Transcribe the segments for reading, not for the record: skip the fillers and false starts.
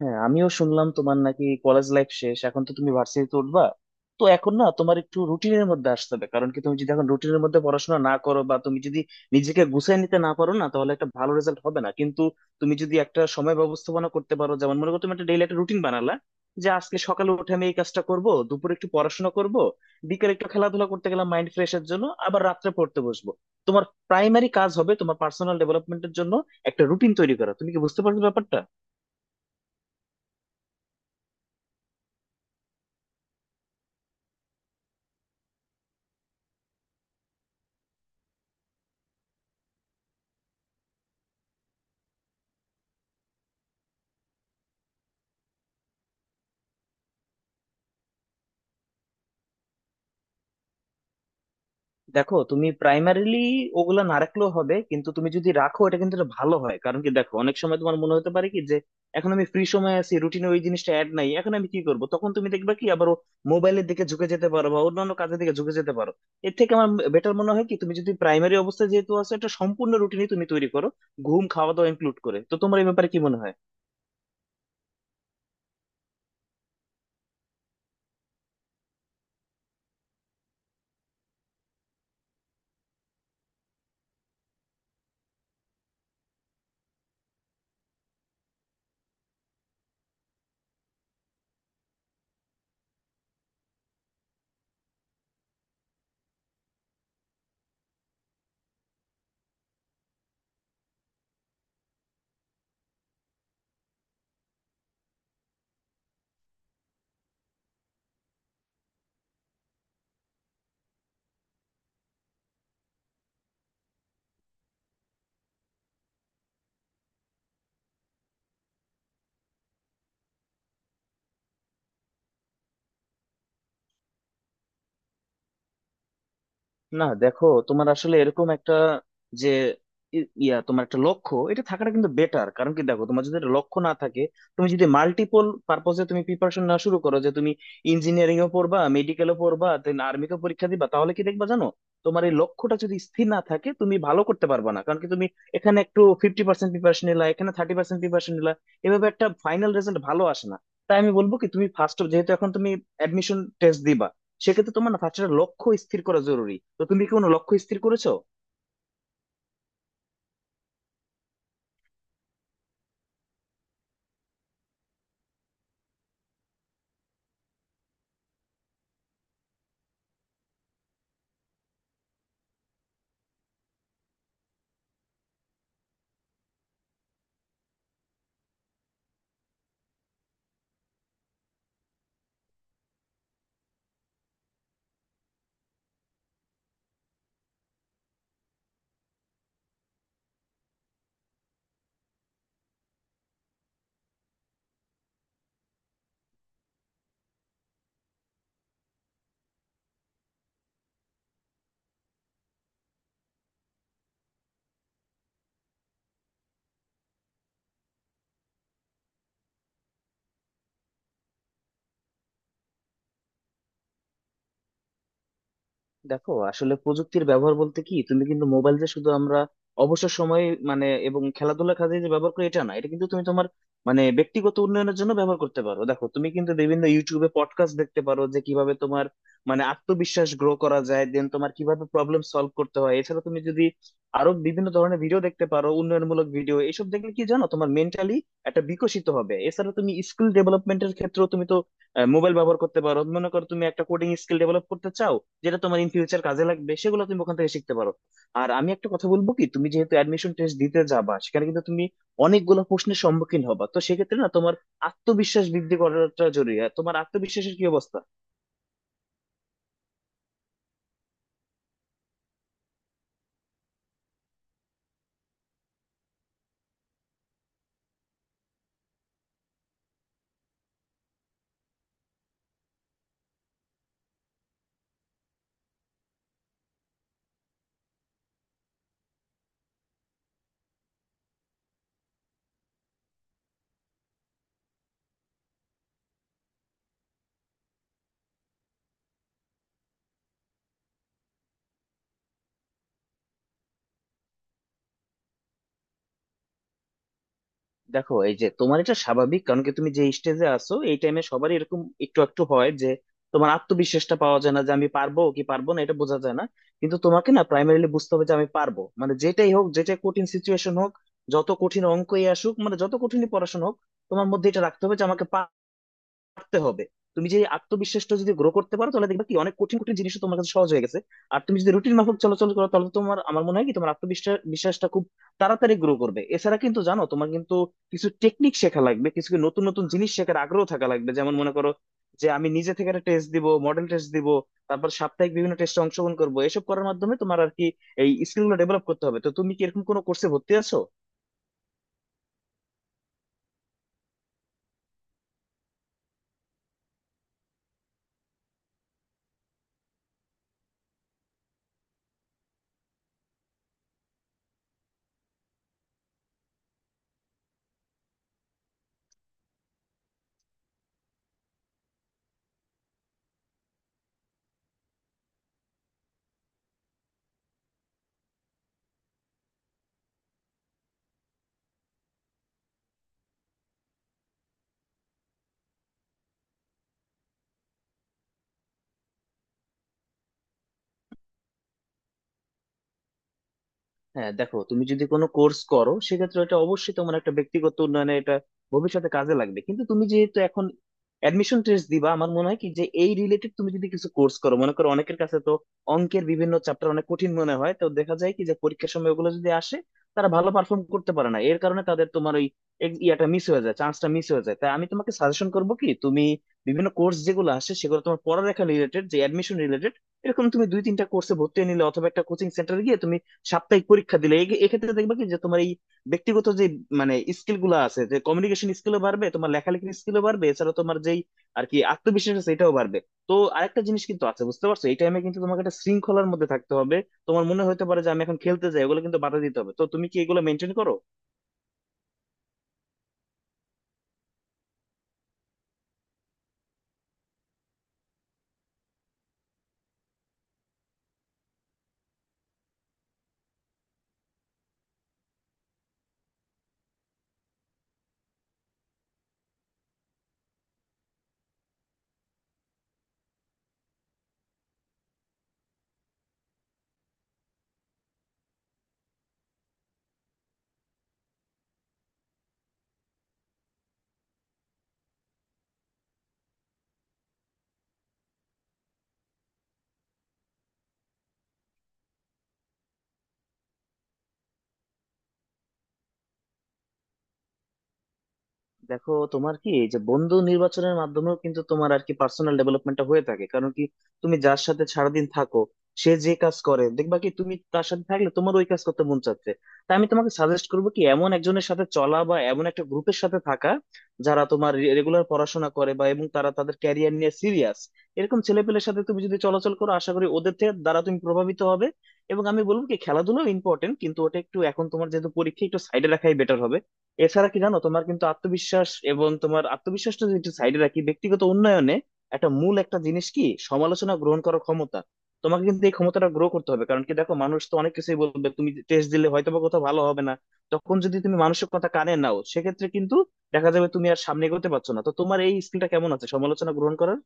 হ্যাঁ, আমিও শুনলাম তোমার নাকি কলেজ লাইফ শেষ, এখন তো তুমি ভার্সিটিতে উঠবা। তো এখন না তোমার একটু রুটিনের মধ্যে আসতে হবে। কারণ কি, তুমি যদি এখন রুটিনের মধ্যে পড়াশোনা না করো বা তুমি যদি নিজেকে গুছিয়ে নিতে না পারো না, তাহলে একটা ভালো রেজাল্ট হবে না। কিন্তু তুমি যদি একটা সময় ব্যবস্থাপনা করতে পারো, যেমন মনে করো তুমি একটা ডেইলি একটা রুটিন বানালা যে আজকে সকালে উঠে আমি এই কাজটা করব, দুপুরে একটু পড়াশোনা করব, বিকেলে একটু খেলাধুলা করতে গেলাম মাইন্ড ফ্রেশের জন্য, আবার রাত্রে পড়তে বসবো। তোমার প্রাইমারি কাজ হবে তোমার পার্সোনাল ডেভেলপমেন্টের জন্য একটা রুটিন তৈরি করা। তুমি কি বুঝতে পারছো ব্যাপারটা? দেখো, তুমি প্রাইমারিলি ওগুলা না রাখলেও হবে, কিন্তু তুমি যদি রাখো এটা কিন্তু একটা ভালো হয়। কারণ কি, দেখো অনেক সময় তোমার মনে হতে পারে কি যে এখন আমি ফ্রি সময় আছি, রুটিনে ওই জিনিসটা অ্যাড নাই, এখন আমি কি করব, তখন তুমি দেখবে কি আবার মোবাইলের দিকে ঝুঁকে যেতে পারো বা অন্যান্য কাজের দিকে ঝুঁকে যেতে পারো। এর থেকে আমার বেটার মনে হয় কি তুমি যদি প্রাইমারি অবস্থায় যেহেতু আছো, একটা সম্পূর্ণ রুটিনই তুমি তৈরি করো, ঘুম খাওয়া দাওয়া ইনক্লুড করে। তো তোমার এই ব্যাপারে কি মনে হয়? না দেখো, তোমার আসলে এরকম একটা যে ই- ইয়া তোমার একটা লক্ষ্য এটা থাকাটা কিন্তু বেটার। কারণ কি, দেখো তোমার যদি একটা লক্ষ্য না থাকে, তুমি যদি মাল্টিপল পারপজে তুমি প্রিপারেশন না শুরু করো যে তুমি ইঞ্জিনিয়ারিং এও পড়বা, মেডিকেলও পড়বা, দেন আর্মিকে পরীক্ষা দিবা, তাহলে কি দেখবা জানো, তোমার এই লক্ষ্যটা যদি স্থির না থাকে তুমি ভালো করতে পারবা না। কারণ কি, তুমি এখানে একটু 50% প্রিপারেশন নিলা, এখানে 30% প্রিপারেশন নিলা, এভাবে একটা ফাইনাল রেজাল্ট ভালো আসে না। তাই আমি বলবো কি, তুমি ফার্স্ট যেহেতু এখন তুমি অ্যাডমিশন টেস্ট দিবা, সেক্ষেত্রে তোমার না ফার্স্ট একটা লক্ষ্য স্থির করা জরুরি। তো তুমি কি কোনো লক্ষ্য স্থির করেছো? দেখো, আসলে প্রযুক্তির ব্যবহার বলতে কি, তুমি কিন্তু মোবাইল যে শুধু আমরা অবসর সময়ে মানে এবং খেলাধুলার কাজে যে ব্যবহার করি এটা না, এটা কিন্তু তুমি তোমার মানে ব্যক্তিগত উন্নয়নের জন্য ব্যবহার করতে পারো। দেখো, তুমি কিন্তু বিভিন্ন ইউটিউবে পডকাস্ট দেখতে পারো যে কিভাবে তোমার মানে আত্মবিশ্বাস গ্রো করা যায়, দেন তোমার কিভাবে প্রবলেম সলভ করতে হয়। এছাড়া তুমি যদি আরো বিভিন্ন ধরনের ভিডিও দেখতে পারো, উন্নয়নমূলক ভিডিও এসব দেখলে কি জানো তোমার মেন্টালি একটা বিকশিত হবে। এছাড়া তুমি স্কিল ডেভেলপমেন্টের ক্ষেত্রেও তুমি তো মোবাইল ব্যবহার করতে পারো। মনে করো তুমি একটা কোডিং স্কিল ডেভেলপ করতে চাও, যেটা তোমার ইন ফিউচার কাজে লাগবে, সেগুলো তুমি ওখান থেকে শিখতে পারো। আর আমি একটা কথা বলবো কি, তুমি যেহেতু অ্যাডমিশন টেস্ট দিতে যাবা, সেখানে কিন্তু তুমি অনেকগুলো প্রশ্নের সম্মুখীন হবা। তো সেক্ষেত্রে না তোমার আত্মবিশ্বাস বৃদ্ধি করাটা জরুরি। আর তোমার আত্মবিশ্বাসের কি অবস্থা? দেখো, এই যে তোমার এটা স্বাভাবিক। কারণ কি, তুমি যে স্টেজে আছো এই টাইমে সবারই এরকম একটু একটু হয় যে তোমার আত্মবিশ্বাসটা পাওয়া যায় না, যে আমি পারবো কি পারবো না এটা বোঝা যায় না। কিন্তু তোমাকে না প্রাইমারিলি বুঝতে হবে যে আমি পারবো, মানে যেটাই হোক, যেটাই কঠিন সিচুয়েশন হোক, যত কঠিন অঙ্কই আসুক, মানে যত কঠিনই পড়াশোনা হোক, তোমার মধ্যে এটা রাখতে হবে যে আমাকে পারতে হবে। তুমি যে এই আত্মবিশ্বাসটা যদি গ্রো করতে পারো, তাহলে দেখবে কি অনেক কঠিন কঠিন জিনিসও তোমার কাছে সহজ হয়ে গেছে। আর তুমি যদি রুটিন মাফিক চলাচল করো, তাহলে তো তোমার আমার মনে হয় কি তোমার আত্মবিশ্বাস বিশ্বাসটা খুব তাড়াতাড়ি গ্রো করবে। এছাড়া কিন্তু জানো, তোমার কিন্তু কিছু টেকনিক শেখা লাগবে, কিছু কি নতুন নতুন জিনিস শেখার আগ্রহ থাকা লাগবে। যেমন মনে করো যে আমি নিজে থেকে একটা টেস্ট দিব, মডেল টেস্ট দিব, তারপর সাপ্তাহিক বিভিন্ন টেস্টে অংশগ্রহণ করবো, এসব করার মাধ্যমে তোমার আর কি এই স্কিল গুলো ডেভেলপ করতে হবে। তো তুমি কি এরকম কোনো কোর্সে ভর্তি আছো? হ্যাঁ, দেখো তুমি যদি কোনো কোর্স করো সেক্ষেত্রে এটা অবশ্যই তোমার একটা ব্যক্তিগত উন্নয়নে এটা ভবিষ্যতে কাজে লাগবে। কিন্তু তুমি যেহেতু এখন অ্যাডমিশন টেস্ট দিবা, আমার মনে হয় কি যে এই রিলেটেড তুমি যদি কিছু কোর্স করো। মনে করো অনেকের কাছে তো অঙ্কের বিভিন্ন চ্যাপ্টার অনেক কঠিন মনে হয়, তো দেখা যায় কি যে পরীক্ষার সময় ওগুলো যদি আসে তারা ভালো পারফর্ম করতে পারে না। এর কারণে তাদের তোমার ওই ইয়াটা মিস হয়ে যায়, চান্সটা মিস হয়ে যায়। তাই আমি তোমাকে সাজেশন করবো কি তুমি বিভিন্ন কোর্স যেগুলো আসে সেগুলো তোমার পড়ালেখা রিলেটেড যে অ্যাডমিশন রিলেটেড, এরকম তুমি দুই তিনটা কোর্সে ভর্তি হয়ে নিলে অথবা একটা কোচিং সেন্টারে গিয়ে তুমি সাপ্তাহিক পরীক্ষা দিলে এক্ষেত্রে দেখবা কি যে তোমার এই ব্যক্তিগত যে মানে স্কিল গুলো আছে যে কমিউনিকেশন স্কিলও বাড়বে, তোমার লেখালেখির স্কিলও বাড়বে, এছাড়া তোমার যেই আর কি আত্মবিশ্বাস আছে এটাও বাড়বে। তো আরেকটা জিনিস কিন্তু আছে, বুঝতে পারছো, এই টাইমে কিন্তু তোমাকে একটা শৃঙ্খলার মধ্যে থাকতে হবে। তোমার মনে হতে পারে যে আমি এখন খেলতে যাই, ওগুলো কিন্তু বাধা দিতে হবে। তো তুমি কি এগুলো মেনটেন করো? দেখো তোমার কি এই যে বন্ধু নির্বাচনের মাধ্যমেও কিন্তু তোমার আর কি পার্সোনাল ডেভেলপমেন্টটা হয়ে থাকে। কারণ কি, তুমি যার সাথে সারাদিন থাকো সে যে কাজ করে দেখবা কি তুমি তার সাথে থাকলে তোমার ওই কাজ করতে মন চাচ্ছে। তাই আমি তোমাকে সাজেস্ট করবো কি এমন একজনের সাথে চলা বা এমন একটা গ্রুপের সাথে থাকা যারা তোমার রেগুলার পড়াশোনা করে বা এবং তারা তাদের ক্যারিয়ার নিয়ে সিরিয়াস। এরকম ছেলেপেলের সাথে তুমি যদি চলাচল করো, আশা করি ওদের থেকে দ্বারা তুমি প্রভাবিত হবে। এবং আমি বলবো কি খেলাধুলো ইম্পর্টেন্ট, কিন্তু ওটা একটু এখন তোমার যেহেতু পরীক্ষা, একটু সাইডে রাখাই বেটার হবে। এছাড়া কি জানো, তোমার কিন্তু আত্মবিশ্বাস, এবং তোমার আত্মবিশ্বাসটা যদি একটু সাইডে রাখি, ব্যক্তিগত উন্নয়নে একটা মূল একটা জিনিস কি, সমালোচনা গ্রহণ করার ক্ষমতা। তোমাকে কিন্তু এই ক্ষমতাটা গ্রো করতে হবে। কারণ কি, দেখো মানুষ তো অনেক কিছুই বলবে, তুমি টেস্ট দিলে হয়তো বা কোথাও ভালো হবে না, তখন যদি তুমি মানুষের কথা কানে নাও সেক্ষেত্রে কিন্তু দেখা যাবে তুমি আর সামনে এগোতে পারছো না। তো তোমার এই স্কিলটা কেমন আছে সমালোচনা গ্রহণ করার?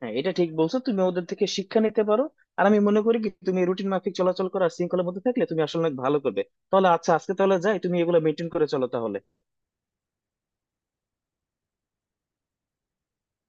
হ্যাঁ, এটা ঠিক বলছো, তুমি ওদের থেকে শিক্ষা নিতে পারো। আর আমি মনে করি কি তুমি রুটিন মাফিক চলাচল করা শৃঙ্খলার মধ্যে থাকলে তুমি আসলে অনেক ভালো করবে। তাহলে আচ্ছা, আজকে তাহলে যাই, তুমি এগুলো মেনটেন করে চলো তাহলে।